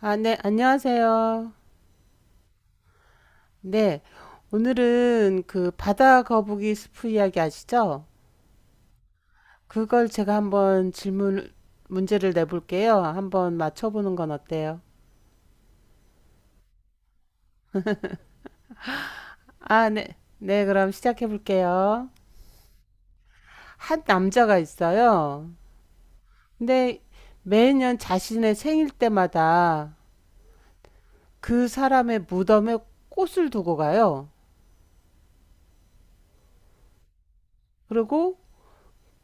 아, 네, 안녕하세요. 네, 오늘은 그 바다 거북이 스프 이야기 아시죠? 그걸 제가 한번 질문, 문제를 내볼게요. 한번 맞춰보는 건 어때요? 아, 네, 네, 그럼 시작해볼게요. 한 남자가 있어요. 근데 매년 자신의 생일 때마다 그 사람의 무덤에 꽃을 두고 가요. 그리고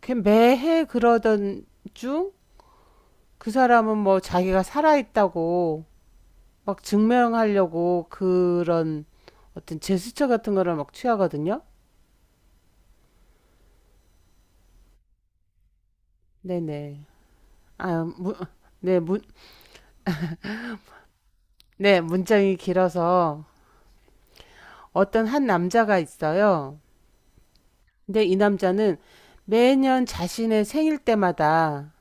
걔 매해 그러던 중 그 사람은 뭐 자기가 살아있다고 막 증명하려고 그런 어떤 제스처 같은 거를 막 취하거든요. 네네. 아, 무, 네, 문, 네, 문장이 길어서 어떤 한 남자가 있어요. 근데 이 남자는 매년 자신의 생일 때마다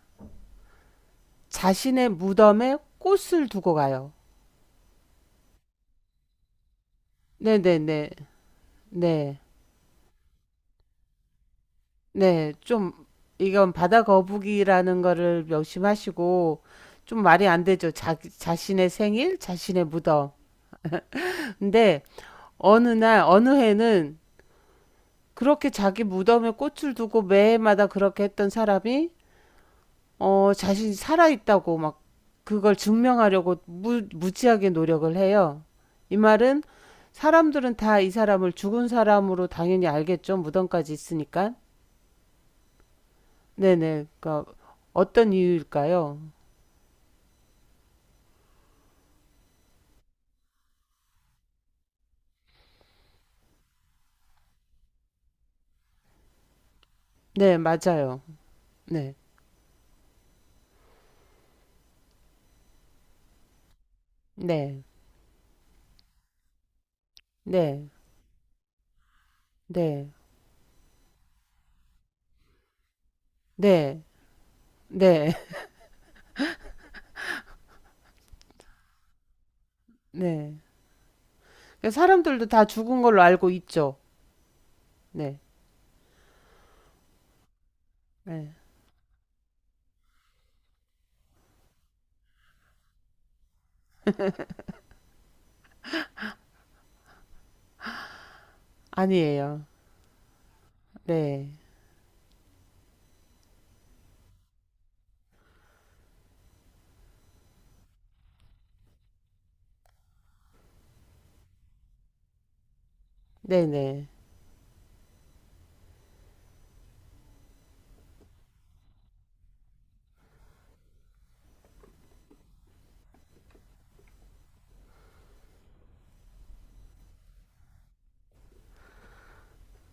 자신의 무덤에 꽃을 두고 가요. 네네네. 네. 네. 좀, 이건 바다 거북이라는 거를 명심하시고, 좀 말이 안 되죠. 자, 자신의 생일, 자신의 무덤. 근데 어느 날 어느 해는 그렇게 자기 무덤에 꽃을 두고 매해마다 그렇게 했던 사람이 어 자신이 살아 있다고 막 그걸 증명하려고 무, 무지하게 노력을 해요. 이 말은 사람들은 다 이 사람을 죽은 사람으로 당연히 알겠죠. 무덤까지 있으니까. 네네. 그러니까 어떤 이유일까요? 네, 맞아요. 네. 네. 네. 네. 네. 네. 네. 그러니까 사람들도 다 죽은 걸로 알고 있죠. 네. 네. 아니에요. 네. 네네.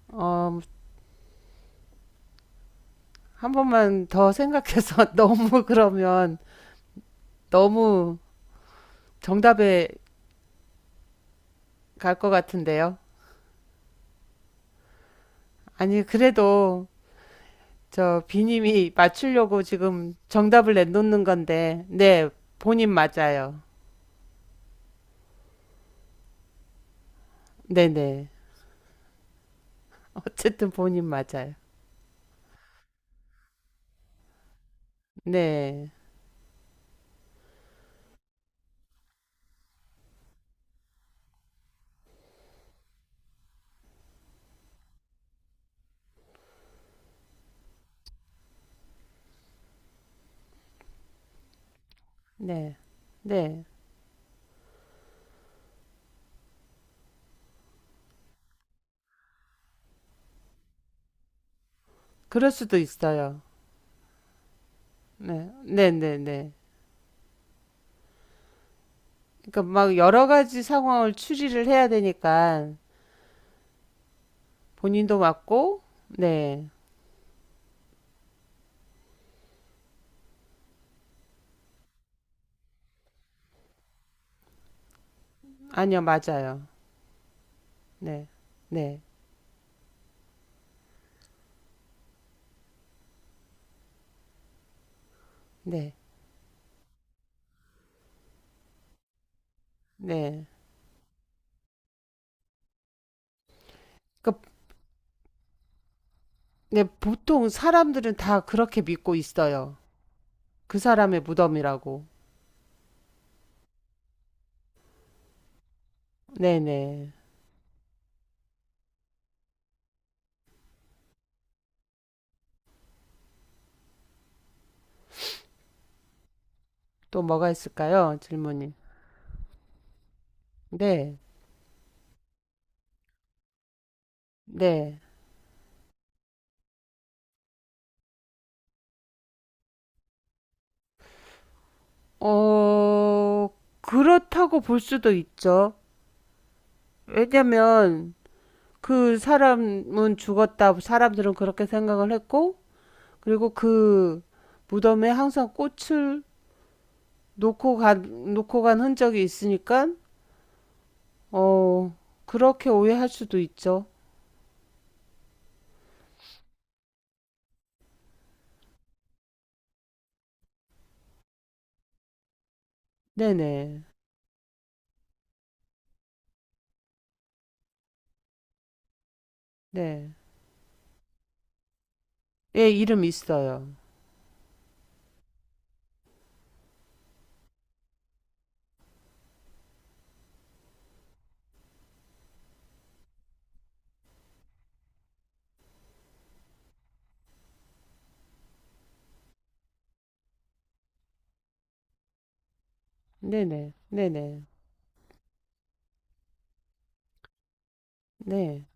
어, 한 번만 더 생각해서 너무 그러면 너무 정답에 갈 것 같은데요. 아니, 그래도 저 비님이 맞추려고 지금 정답을 내놓는 건데, 네, 본인 맞아요. 네네. 어쨌든 본인 맞아요. 네, 네, 네. 그럴 수도 있어요. 네, 네네네. 그러니까 막 여러 가지 상황을 추리를 해야 되니까, 본인도 맞고, 네. 아니요, 맞아요. 네. 네. 네. 네. 그러니까 네, 보통 사람들은 다 그렇게 믿고 있어요. 그 사람의 무덤이라고. 네네. 또 뭐가 있을까요? 질문이. 네. 네. 어, 그렇다고 볼 수도 있죠. 왜냐면 그 사람은 죽었다. 사람들은 그렇게 생각을 했고, 그리고 그 무덤에 항상 꽃을 놓고 간 흔적이 있으니까 어 그렇게 오해할 수도 있죠. 네네 네. 예 이름 있어요. 네네 네네 네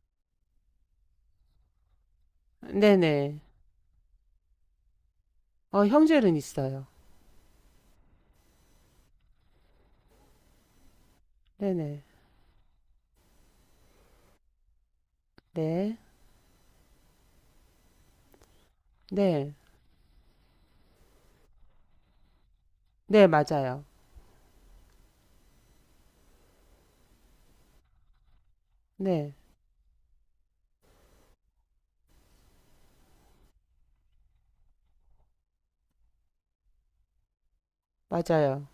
네네 어 형제는 있어요. 네네 네 네. 네, 맞아요. 네, 맞아요.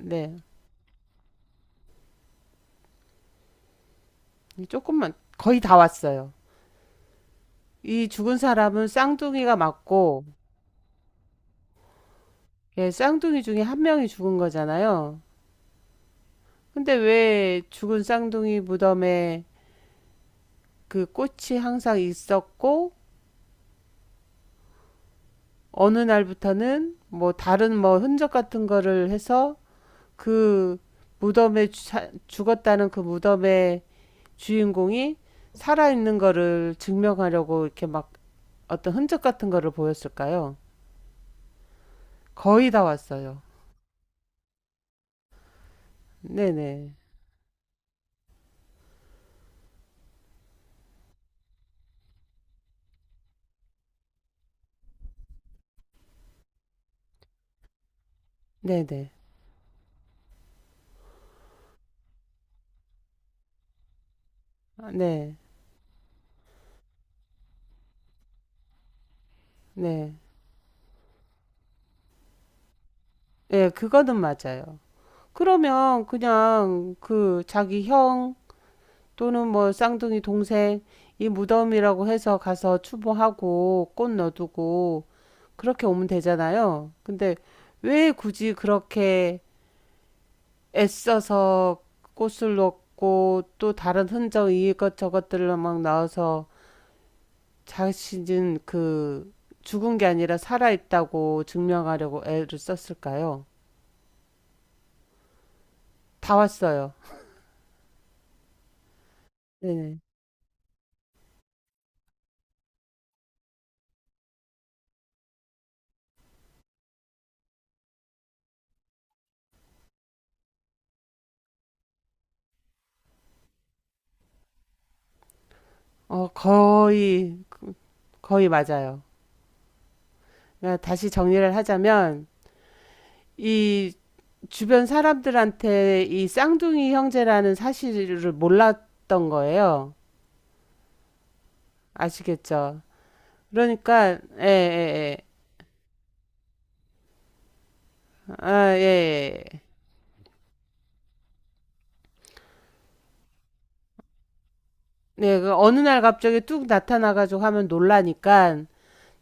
네. 조금만, 거의 다 왔어요. 이 죽은 사람은 쌍둥이가 맞고, 예, 쌍둥이 중에 한 명이 죽은 거잖아요. 근데 왜 죽은 쌍둥이 무덤에 그 꽃이 항상 있었고 어느 날부터는 뭐 다른 뭐 흔적 같은 거를 해서 그 무덤에 죽었다는 그 무덤의 주인공이 살아 있는 거를 증명하려고 이렇게 막 어떤 흔적 같은 거를 보였을까요? 거의 다 왔어요. 네네. 네네. 아, 네 네. 네. 예, 그거는 맞아요. 그러면 그냥 그 자기 형 또는 뭐 쌍둥이 동생 이 무덤이라고 해서 가서 추모하고 꽃 넣어두고 그렇게 오면 되잖아요. 근데 왜 굳이 그렇게 애써서 꽃을 넣고 또 다른 흔적 이것 저것들을 막 넣어서 자신은 그 죽은 게 아니라 살아있다고 증명하려고 애를 썼을까요? 다 왔어요. 네. 어, 거의, 거의 맞아요. 그러니까 다시 정리를 하자면, 이 주변 사람들한테 이 쌍둥이 형제라는 사실을 몰랐던 거예요. 아시겠죠? 그러니까 예, 예, 예. 아, 예, 예. 예. 네, 그 어느 날 갑자기 뚝 나타나가지고 하면 놀라니까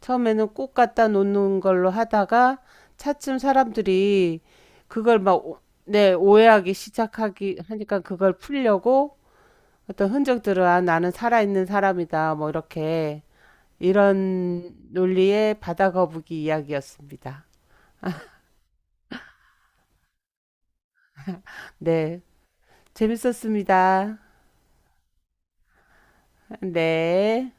처음에는 꽃 갖다 놓는 걸로 하다가 차츰 사람들이 그걸 막 오- 네, 오해하기 시작하기 하니까 그걸 풀려고 어떤 흔적들을 아, 나는 살아있는 사람이다 뭐 이렇게 이런 논리의 바다거북이 이야기였습니다. 네. 재밌었습니다. 네.